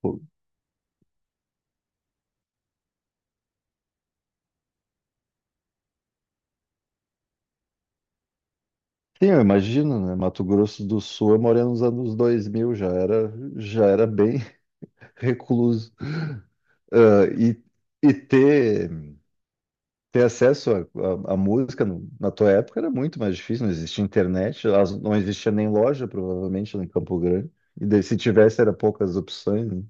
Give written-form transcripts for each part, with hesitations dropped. Pô, sim, eu imagino, né? Mato Grosso do Sul, eu morei nos anos 2000, já era bem recluso. Ah, e ter acesso à música na tua época era muito mais difícil. Não existia internet, não existia nem loja, provavelmente, né, em Campo Grande. E daí, se tivesse, era poucas opções, né?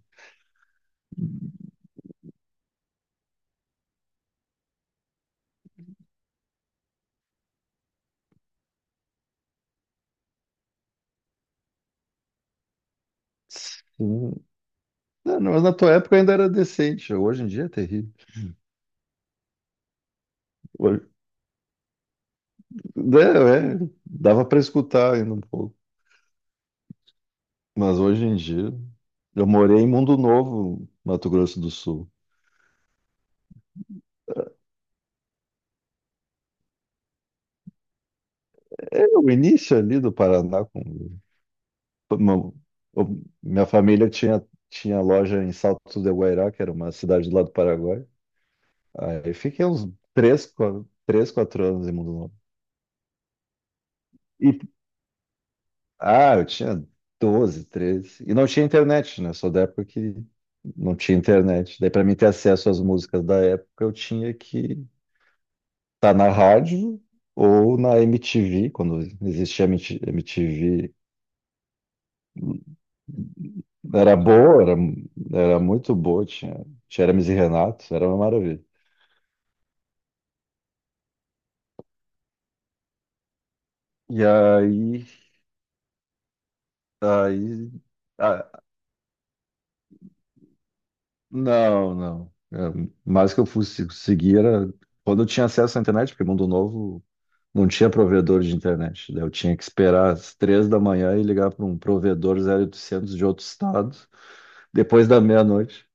Sim. Não, não, mas na tua época ainda era decente, hoje em dia é terrível. Hoje- é, dava para escutar ainda um pouco, mas hoje em dia. Eu morei em Mundo Novo, Mato Grosso do Sul. É o início ali do Paraná. Uma- Minha família tinha loja em Salto de Guairá, que era uma cidade do lado do Paraguai. Aí fiquei uns três, 4, três, quatro anos em Mundo Novo. E, eu tinha 12, 13. E não tinha internet, né? Sou da época que não tinha internet. Daí, para mim ter acesso às músicas da época, eu tinha que estar na rádio ou na MTV, quando existia MTV. Era boa, era muito boa, tinha Hermes e Renato, era uma maravilha. E aí, aí, ah, não, não. É, mais que eu fosse seguir era quando eu tinha acesso à internet, porque Mundo Novo não tinha provedor de internet. Daí eu tinha que esperar às 3 da manhã e ligar para um provedor 0800 de outro estado, depois da meia-noite.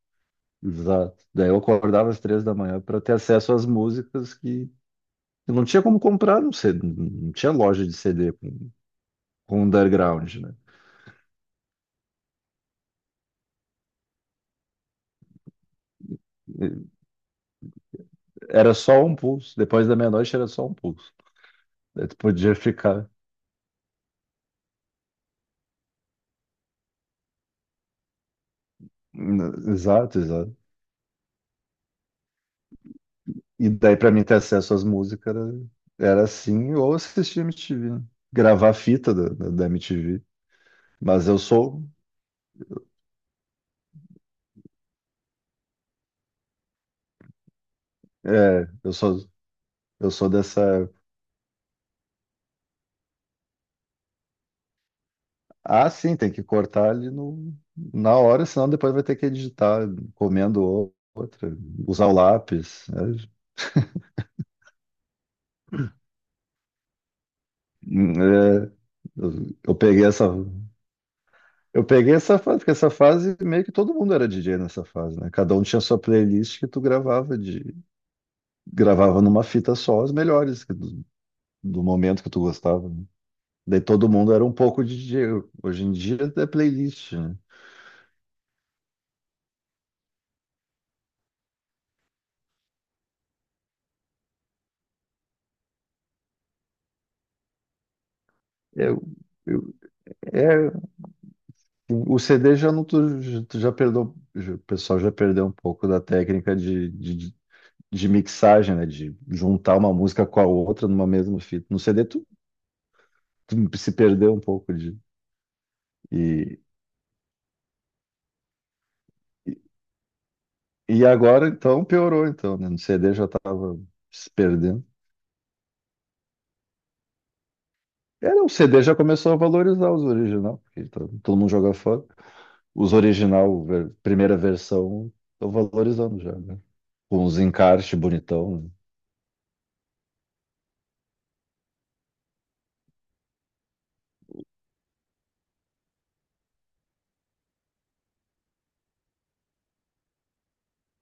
Exato. Daí eu acordava às 3 da manhã para ter acesso às músicas que eu não tinha como comprar, não sei, não tinha loja de CD com o underground, né? Era só um pulso. Depois da meia-noite era só um pulso. Daí tu podia ficar, né. Exato, exato. E daí pra mim ter acesso às músicas era assim, ou assistir MTV, né? Gravar fita da MTV. Mas eu sou. É, eu sou. Eu sou dessa. Ah, sim, tem que cortar ali no, na hora, senão depois vai ter que editar, comendo outra, usar o lápis, né? Hum. É, eu, eu peguei essa, eu peguei essa fase, porque essa fase meio que todo mundo era DJ nessa fase, né? Cada um tinha sua playlist que tu gravava de gravava numa fita só as melhores que do momento que tu gostava, né? Daí todo mundo era um pouco de DJ. Hoje em dia é playlist, né? Eu, eu- é, assim, o CD já não tu, já tu já perdeu, o pessoal já perdeu um pouco da técnica de mixagem, né? De juntar uma música com a outra numa mesma fita. No CD tu se perdeu um pouco de e. E agora, então, piorou, então, né? No CD já estava se perdendo. Era, o CD já começou a valorizar os original, porque todo mundo joga fora. Os original, primeira versão, estão valorizando já, né? Com os encartes bonitão, né?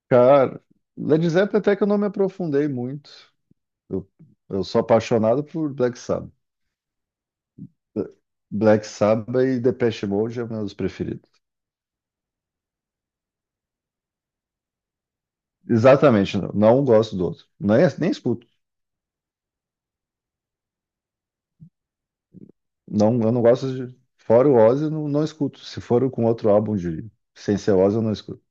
Cara, Led Zeppelin até que eu não me aprofundei muito. Eu, eu sou apaixonado por Black Sabbath. Black Sabbath e Depeche Mode é meus preferidos. Exatamente, não, gosto do outro. Nem escuto. Não, eu não gosto de. Fora o Ozzy, eu não escuto. Se for com outro álbum de sem ser Ozzy, eu não escuto.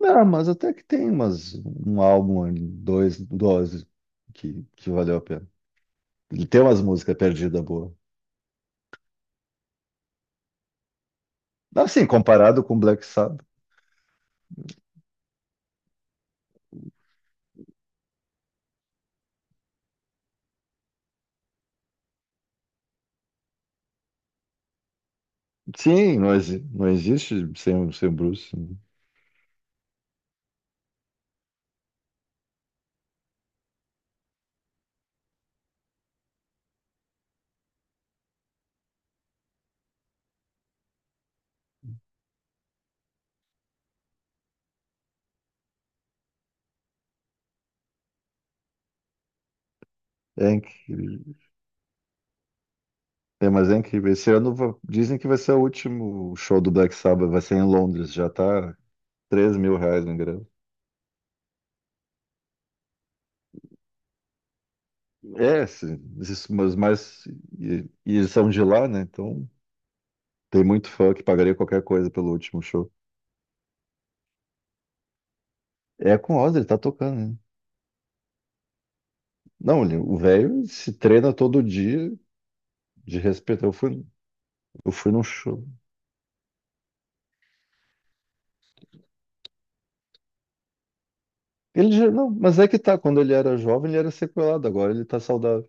Não, mas até que tem umas, um álbum, ali, dois do Ozzy que valeu a pena. Ele tem umas músicas perdidas boas. Assim, comparado com Black Sabbath. Sim, não, não existe sem o Bruce, né? É incrível. É, mas é incrível. Esse ano dizem que vai ser o último show do Black Sabbath, vai ser em Londres. Já tá R$ 3.000 no ingresso. É, esses, mas e, e eles são de lá, né? Então tem muito fã que pagaria qualquer coisa pelo último show. É com o Oz, ele tá tocando, né? Não, o velho se treina todo dia de respeito. Eu fui num show. Ele já, não, mas é que tá, quando ele era jovem, ele era sequelado, agora ele tá saudável.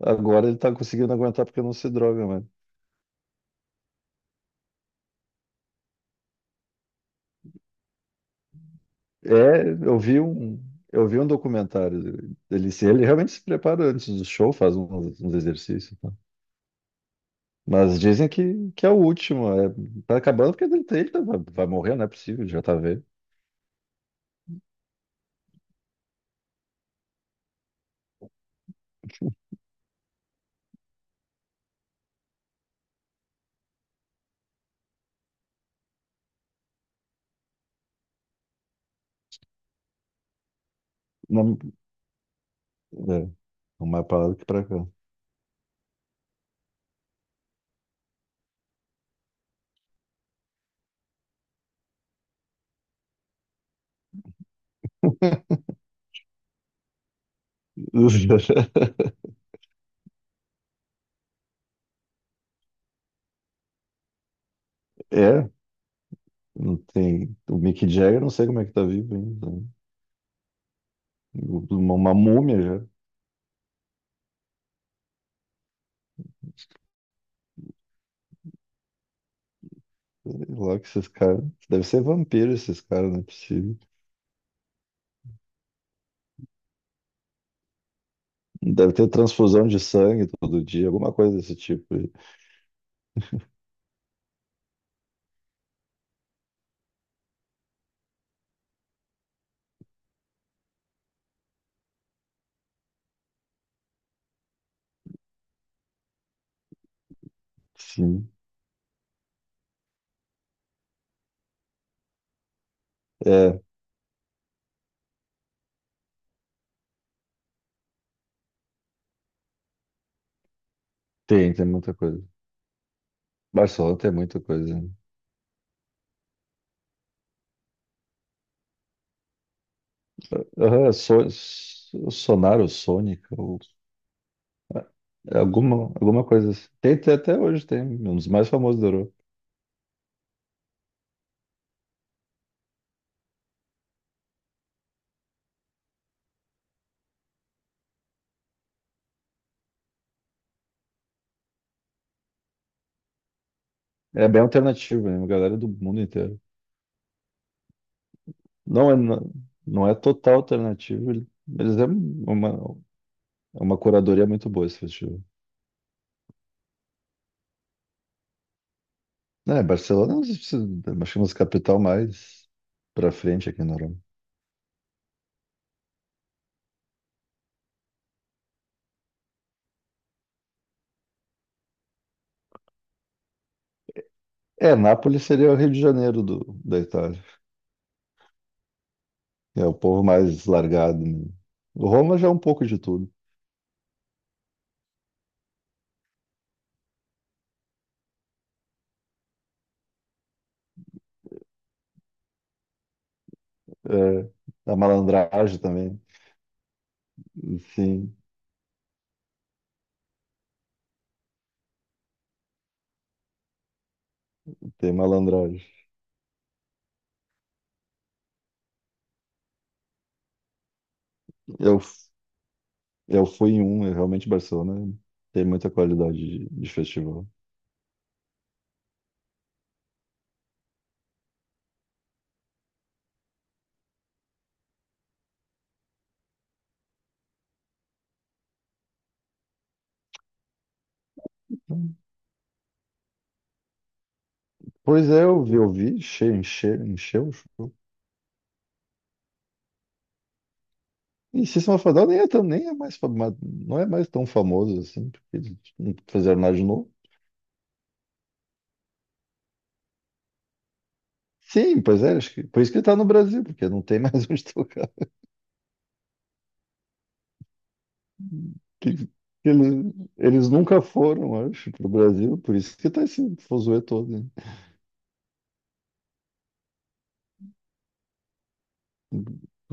Agora ele tá conseguindo aguentar porque não se droga, mano. É, eu vi um documentário dele. Ele, ele realmente se prepara antes do show, faz uns exercícios. Mas dizem que é o último. É, tá acabando porque ele, vai morrer, não é possível, já tá velho. Não, é, não mais pra lá do que pra cá. É, não tem. O Mick Jagger, não sei como é que tá vivo ainda, né? Uma múmia já. Sei lá que esses caras. Deve ser vampiro esses caras, não é possível. Deve ter transfusão de sangue todo dia, alguma coisa desse tipo aí. Sim. É, tem muita coisa. Barcelona tem muita coisa, né? Aham, Sonaro, Sônica, ou alguma coisa assim. Tem até hoje, tem um dos mais famosos da Europa. É bem alternativo, né? Uma galera do mundo inteiro. Não é, não, não é total alternativo, mas é uma curadoria muito boa esse festival. É, Barcelona, acho que é uma das capital mais pra frente aqui na Europa. É, Nápoles seria o Rio de Janeiro da Itália. É o povo mais largado, né? O Roma já é um pouco de tudo. É, a malandragem também. Sim, tem malandragem. Eu, eu fui em um, eu realmente Barcelona tem muita qualidade de festival. Pois é, eu vi, encheu, encheu, encheu o show. E System of a Down nem é, tão, nem é mais, não é mais tão famoso assim, porque eles não fizeram nada de novo. Sim, pois é, acho que, por isso que ele tá no Brasil, porque não tem mais onde tocar. Que- que eles nunca foram, acho, pro Brasil, por isso que tá esse fuzuê todo, né?